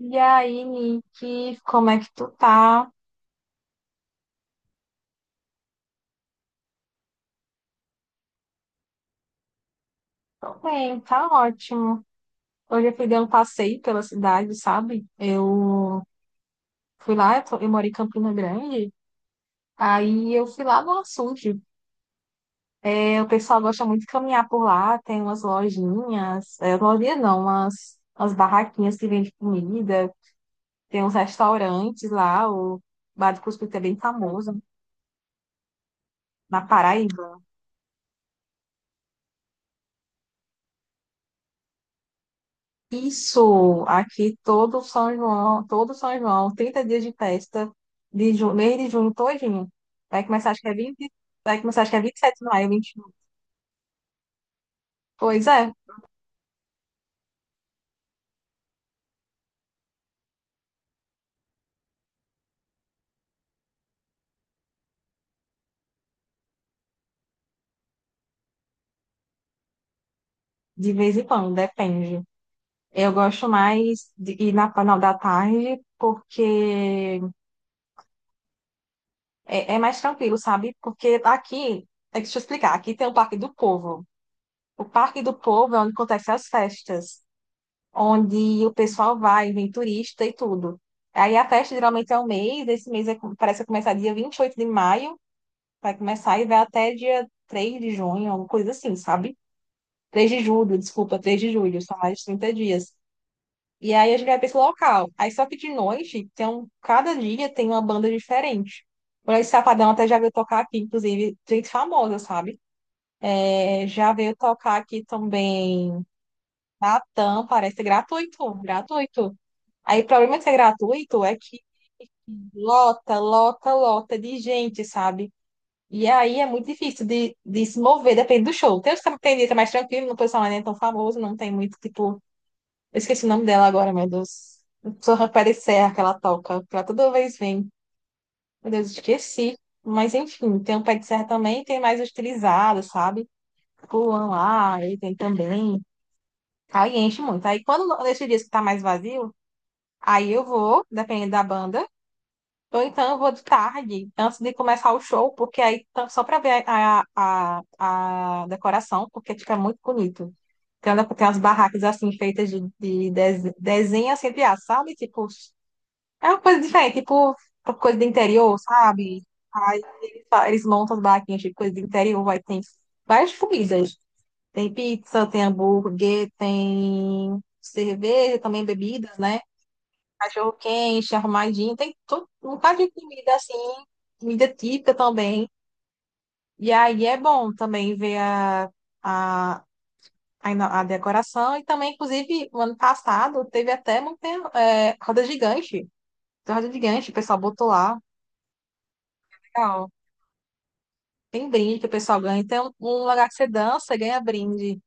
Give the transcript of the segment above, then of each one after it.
E aí, Nick, como é que tu tá? Tô bem, tá ótimo. Hoje eu fui dar um passeio pela cidade, sabe? Eu fui lá, eu, eu moro em Campina Grande, aí eu fui lá no açude. O pessoal gosta muito de caminhar por lá, tem umas lojinhas, lojinha não, umas barraquinhas que vendem comida, tem uns restaurantes lá, o Bar do Cuscuz é bem famoso, na Paraíba. Isso, aqui todo São João, 30 dias de festa, mês de junho todinho. Vai começar, acho que é 20 vai começar, acho que é 27 de maio, 21. Pois é, de vez em quando, depende. Eu gosto mais de ir na final da tarde, porque é mais tranquilo, sabe? Porque aqui, é que deixa eu explicar, aqui tem o Parque do Povo. O Parque do Povo é onde acontecem as festas, onde o pessoal vai, vem turista e tudo. Aí a festa geralmente é um mês, esse mês parece que começar dia 28 de maio, vai começar e vai até dia 3 de junho, alguma coisa assim, sabe? 3 de julho, desculpa, 3 de julho, são mais de 30 dias. E aí a gente vai para esse local. Aí só que de noite, cada dia tem uma banda diferente. Por esse Safadão até já veio tocar aqui, inclusive, gente famosa, sabe? É, já veio tocar aqui também Natan, parece gratuito, gratuito. Aí o problema de ser gratuito é que lota, lota, lota de gente, sabe? E aí é muito difícil de se mover, depende do show. Tem, tem dia que é mais tranquilo, não pessoal não é nem tão famoso, não tem muito, tipo. Eu esqueci o nome dela agora, meu Deus. Sorra Pé de Serra que ela toca, que ela toda vez vem. Meu Deus, esqueci. Mas enfim, tem o Pé de Serra também, tem mais os, sabe? Pulam lá, aí tem também. Aí enche muito. Aí quando nesses dias que tá mais vazio, aí eu vou, dependendo da banda. Ou então eu vou de tarde, antes de começar o show, porque aí só para ver a decoração, porque tipo, é muito bonito. Tem umas barracas assim feitas de, de desenho assim, entre aspas, sabe? Tipo, é uma coisa diferente, tipo coisa do interior, sabe? Aí eles, eles montam as barraquinhas de coisa do interior, vai tem várias comidas. Tem pizza, tem hambúrguer, tem cerveja, também bebidas, né? Cachorro quente, arrumadinho, tem tudo um bocado de comida assim, comida típica também. E aí é bom também ver a, a decoração. E também, inclusive, o ano passado teve até montanha, é, roda gigante. Tem roda gigante, o pessoal botou lá. Legal. Tem brinde que o pessoal ganha. Um lugar que você dança, ganha brinde.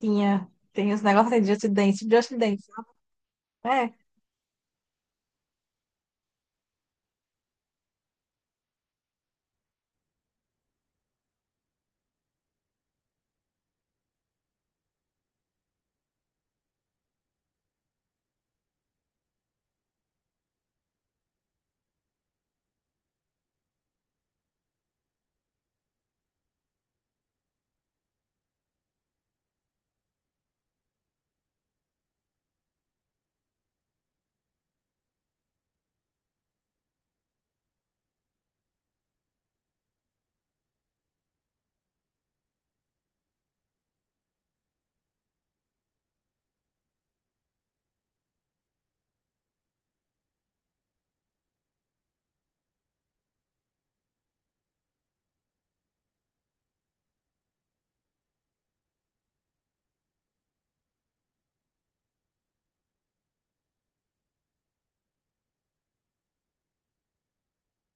Tem os negócios aí de Just Dance, Just Dance. É,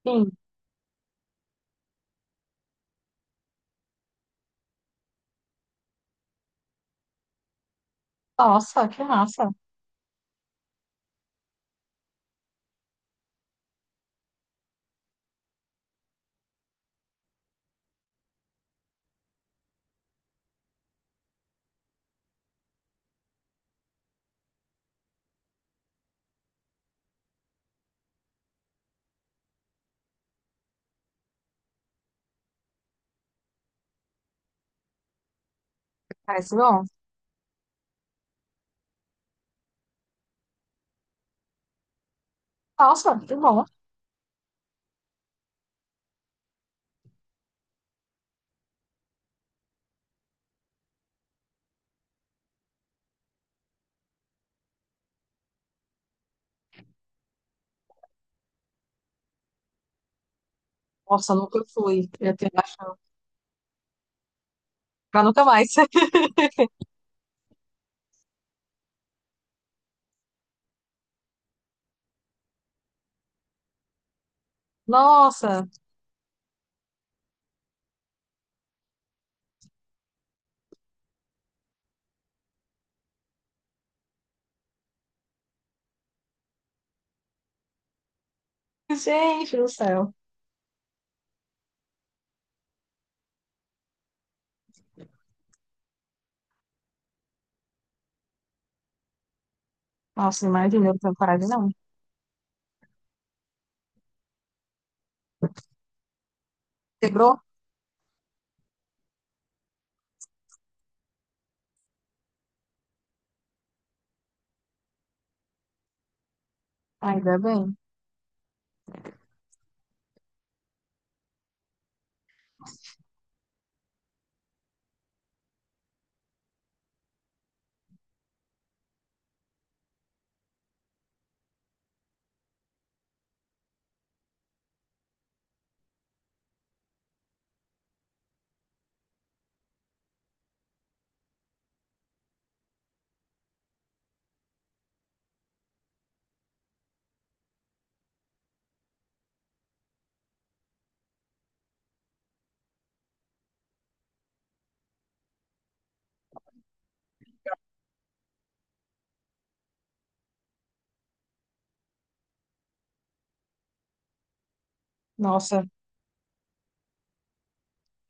sim. Nossa, que massa. Parece bom. Nossa, que bom. Nossa, nunca fui. Eu tenho bastante. Pra nunca mais. Nossa, gente do céu. Nossa, imagina, eu não tenho coragem, não. Quebrou? Ainda bem. Nossa,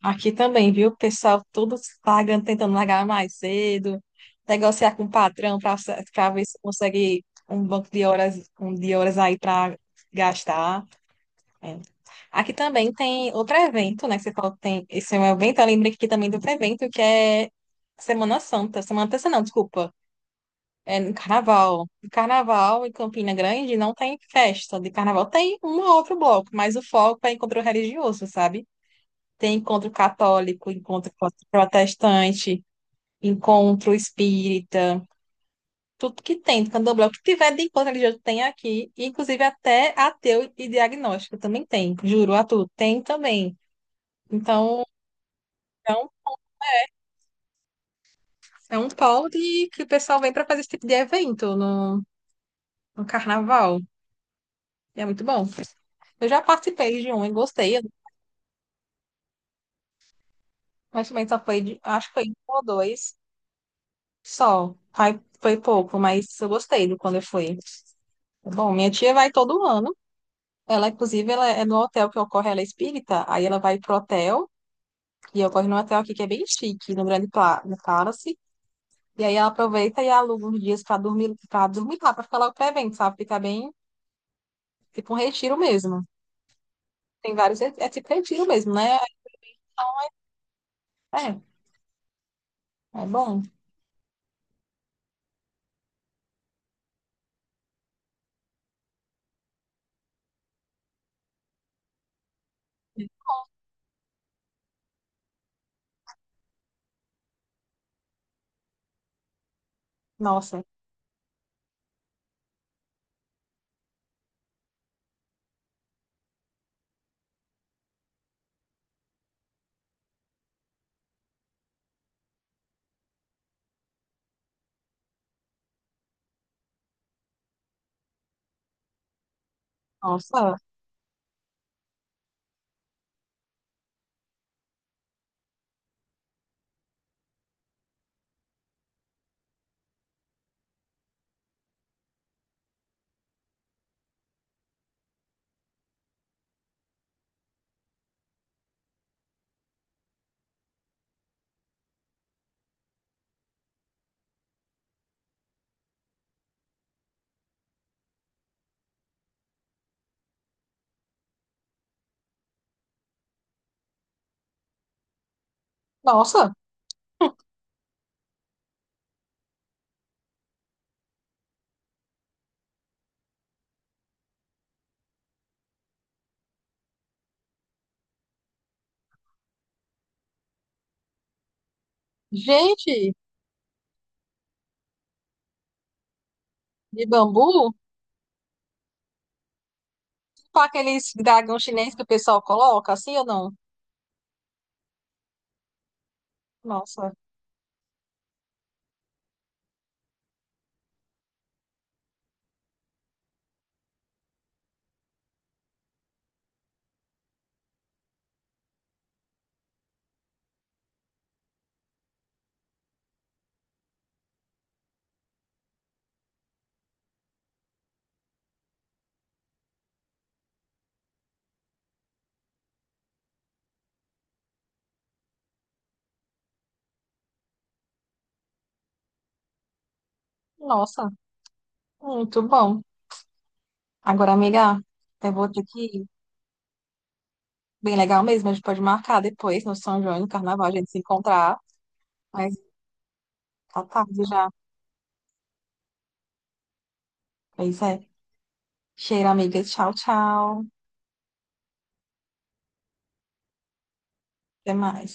aqui também, viu? O pessoal todo pagando, tentando largar mais cedo, negociar com o patrão para ver se consegue um banco de horas, um de horas aí para gastar. É. Aqui também tem outro evento, né? Que você falou que tem. Esse é um evento, eu lembrei que aqui também tem outro evento, que é Semana Santa. Semana Santa, não, desculpa. É no carnaval. No carnaval em Campina Grande não tem festa de carnaval. Tem um ou outro bloco, mas o foco é encontro religioso, sabe? Tem encontro católico, encontro protestante, encontro espírita, tudo que tem do candomblé. O que tiver de encontro religioso tem aqui, inclusive até ateu e diagnóstico também tem. Juro, atu, tem também. Então, é um, é um polo de, que o pessoal vem para fazer esse tipo de evento no, no carnaval. E é muito bom. Eu já participei de um e gostei. Mas também só foi, acho que foi um ou dois só. Aí foi pouco, mas eu gostei do quando eu fui. Bom, minha tia vai todo ano. Ela, inclusive, ela é no hotel que ocorre, ela é espírita. Aí ela vai pro hotel, e ocorre no hotel aqui que é bem chique, no no Palace. E aí ela aproveita e aluga uns dias pra dormir, para dormir lá, pra ficar logo pro evento, sabe? Fica bem, tipo um retiro mesmo. Tem vários, é tipo retiro mesmo, né? É, é bom. Nossa, nossa, nossa, gente, de bambu? Com aqueles dragão chinês que o pessoal coloca, assim ou não? Nossa, nossa, muito bom. Agora, amiga, eu vou ter que ir. Bem legal mesmo, a gente pode marcar depois no São João, e no Carnaval, a gente se encontrar. Mas tá tarde já. Pois é. Cheiro, amiga. Tchau, tchau. Até mais.